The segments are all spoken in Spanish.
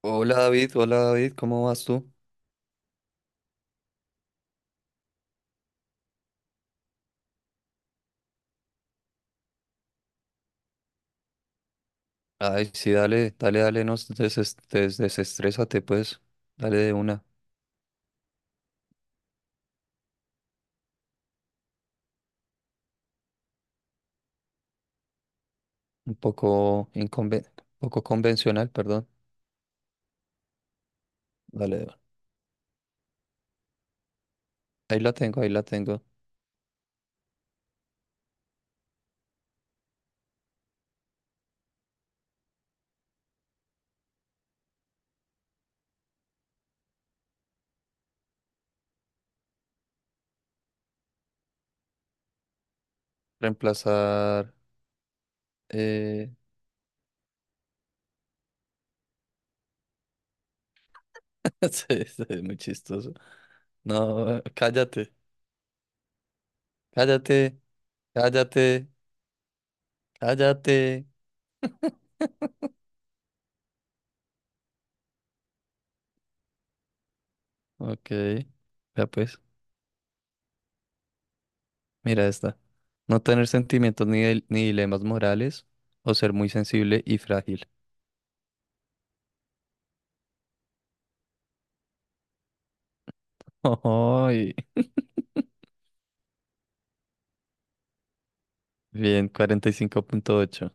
Hola David, ¿cómo vas tú? Ay, sí, dale, dale, dale, no desestrésate, pues. Dale de una. Un poco poco convencional, perdón. Dale de una. Ahí la tengo, ahí la tengo. Reemplazar. Eh... sí, sí, es muy chistoso. No, cállate, cállate, cállate, cállate. Ok, ya pues, mira esta. No tener sentimientos ni ni dilemas morales o ser muy sensible y frágil. Ay, bien, 45.8.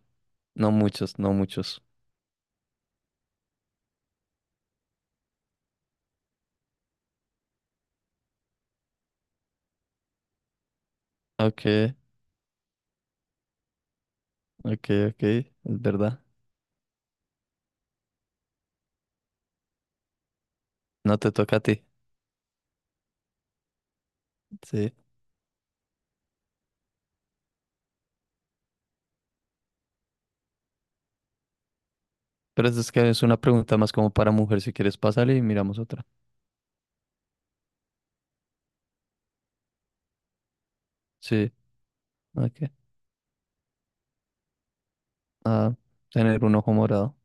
No muchos, no muchos. Ok, ok, ok, es verdad. No te toca a ti. Sí. Pero eso es que es una pregunta más como para mujer. Si quieres, pásale y miramos otra. Sí, ok. Ah, tener un ojo morado.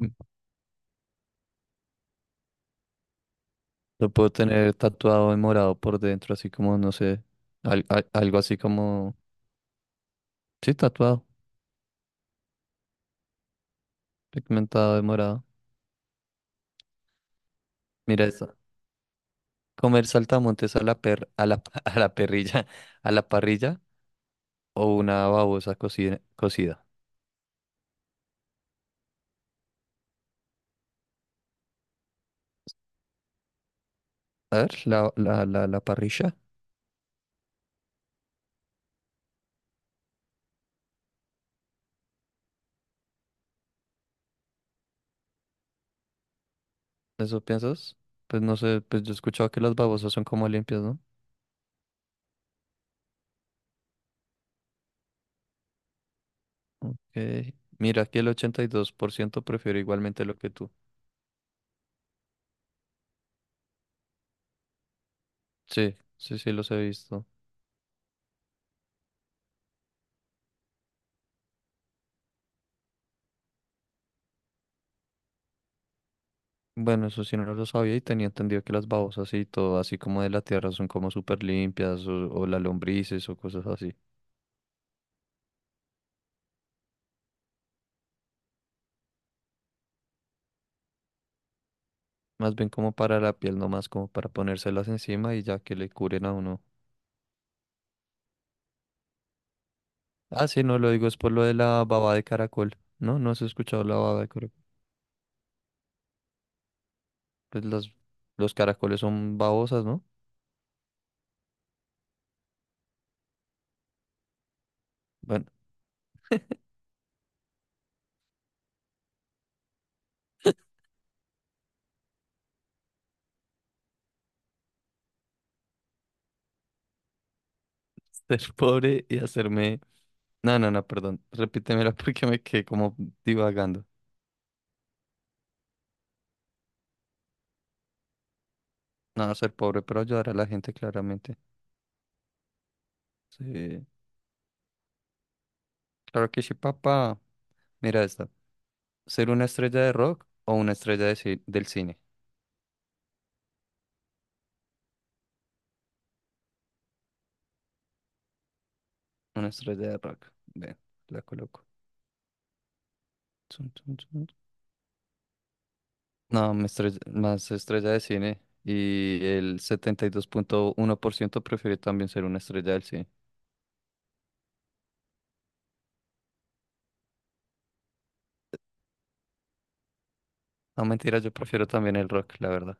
Mm. Lo puedo tener tatuado en morado por dentro, así como, no sé, algo así como. Sí, tatuado, pigmentado de morado. Mira esta. Comer saltamontes a la per, a la, a la parrilla o una babosa cocida. A ver, la parrilla, ¿eso piensas? Pues no sé, pues yo he escuchado que las babosas son como limpias, ¿no? Ok. Mira, aquí el 82% prefiere igualmente lo que tú. Sí, sí, sí, los he visto. Bueno, eso sí no lo sabía y tenía entendido que las babosas y todo, así como de la tierra, son como súper limpias o las lombrices o cosas así. Más bien como para la piel, no más como para ponérselas encima y ya que le curen a uno. Ah, sí, no lo digo, es por lo de la baba de caracol. No, no has escuchado la baba de caracol. Pues los caracoles son babosas, ¿no? Bueno, ser pobre y hacerme. No, no, no, perdón. Repítemela porque me quedé como divagando. No, ser pobre, pero ayudar a la gente claramente. Sí. Claro que sí, papá. Mira esta. ¿Ser una estrella de rock o una estrella del cine? Una estrella de rock. Ven, la coloco. No, más estrella de cine. Y el 72.1% prefiere también ser una estrella del cine. No, mentira, yo prefiero también el rock, la verdad.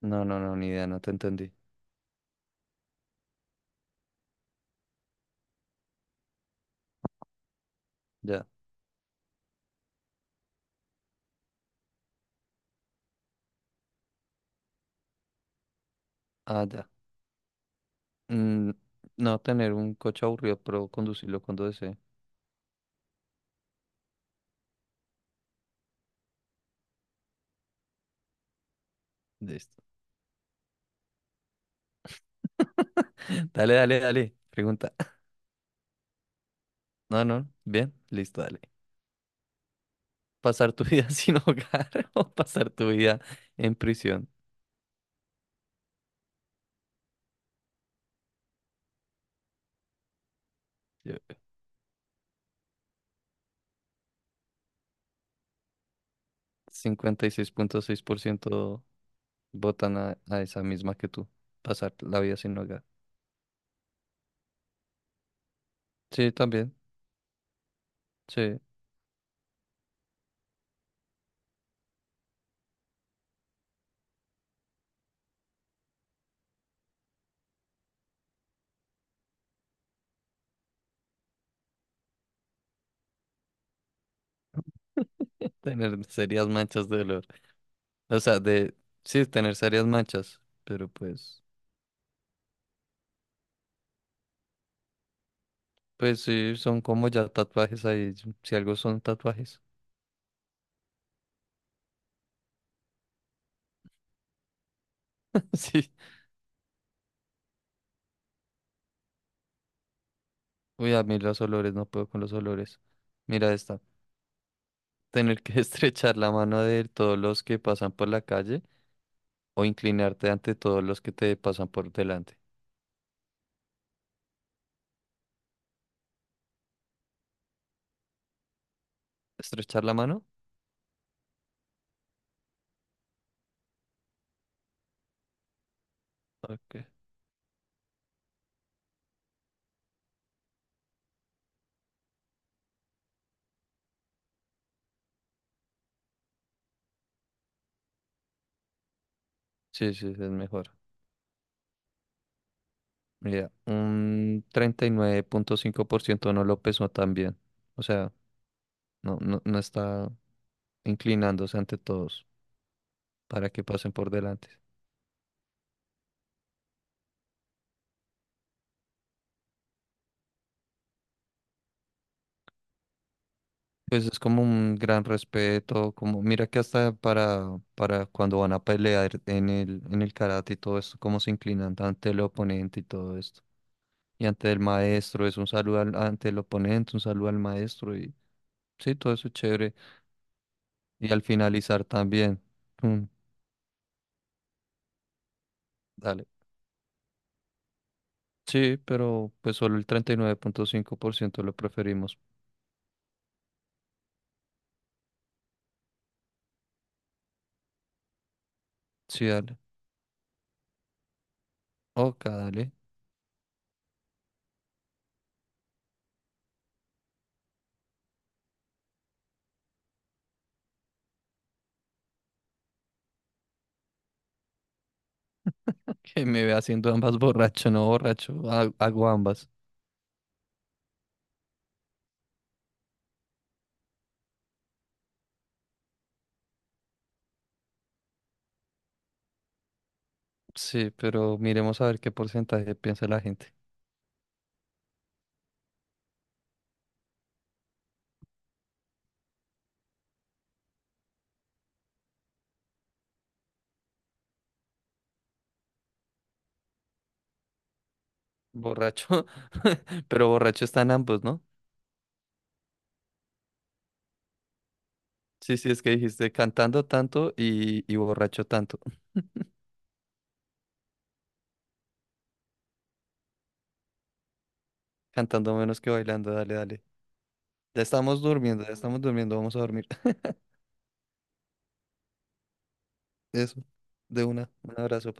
No, no, no, ni idea, no te entendí. Ya. Ah, ya. Mm, no tener un coche aburrido, pero conducirlo cuando desee. Listo. Dale, dale, dale. Pregunta. No, no. Bien, listo, dale. Pasar tu vida sin hogar o pasar tu vida en prisión. Yo- 56.6% votan a esa misma que tú. Pasar la vida sin hogar. Sí, también. Sí. Tener serias manchas de dolor. O sea, de. Sí, tener serias manchas. Pero pues. Pues sí, son como ya tatuajes ahí. Si algo son tatuajes. Sí. Uy, a mí los olores, no puedo con los olores. Mira esta. Tener que estrechar la mano de todos los que pasan por la calle o inclinarte ante todos los que te pasan por delante. ¿Estrechar la mano? Ok. Sí, sí, es mejor. Mira, un 39.5% no lo pesó tan bien. O sea, no, no, no está inclinándose ante todos para que pasen por delante. Pues es como un gran respeto, como mira que hasta para cuando van a pelear en el karate y todo esto, cómo se inclinan ante el oponente y todo esto. Y ante el maestro, es un saludo ante el oponente, un saludo al maestro y sí, todo eso es chévere. Y al finalizar también. mm, Dale. Sí, pero pues solo el 39.5% lo preferimos. Sí, dale. Oca, dale. Que me ve haciendo ambas borracho, no borracho. Hago ambas. Sí, pero miremos a ver qué porcentaje piensa la gente. Borracho. Pero borracho están ambos, ¿no? Sí, sí, es que dijiste cantando tanto y borracho tanto. Cantando menos que bailando, dale, dale. Ya estamos durmiendo, vamos a dormir. Eso. De una. Un abrazo, pa.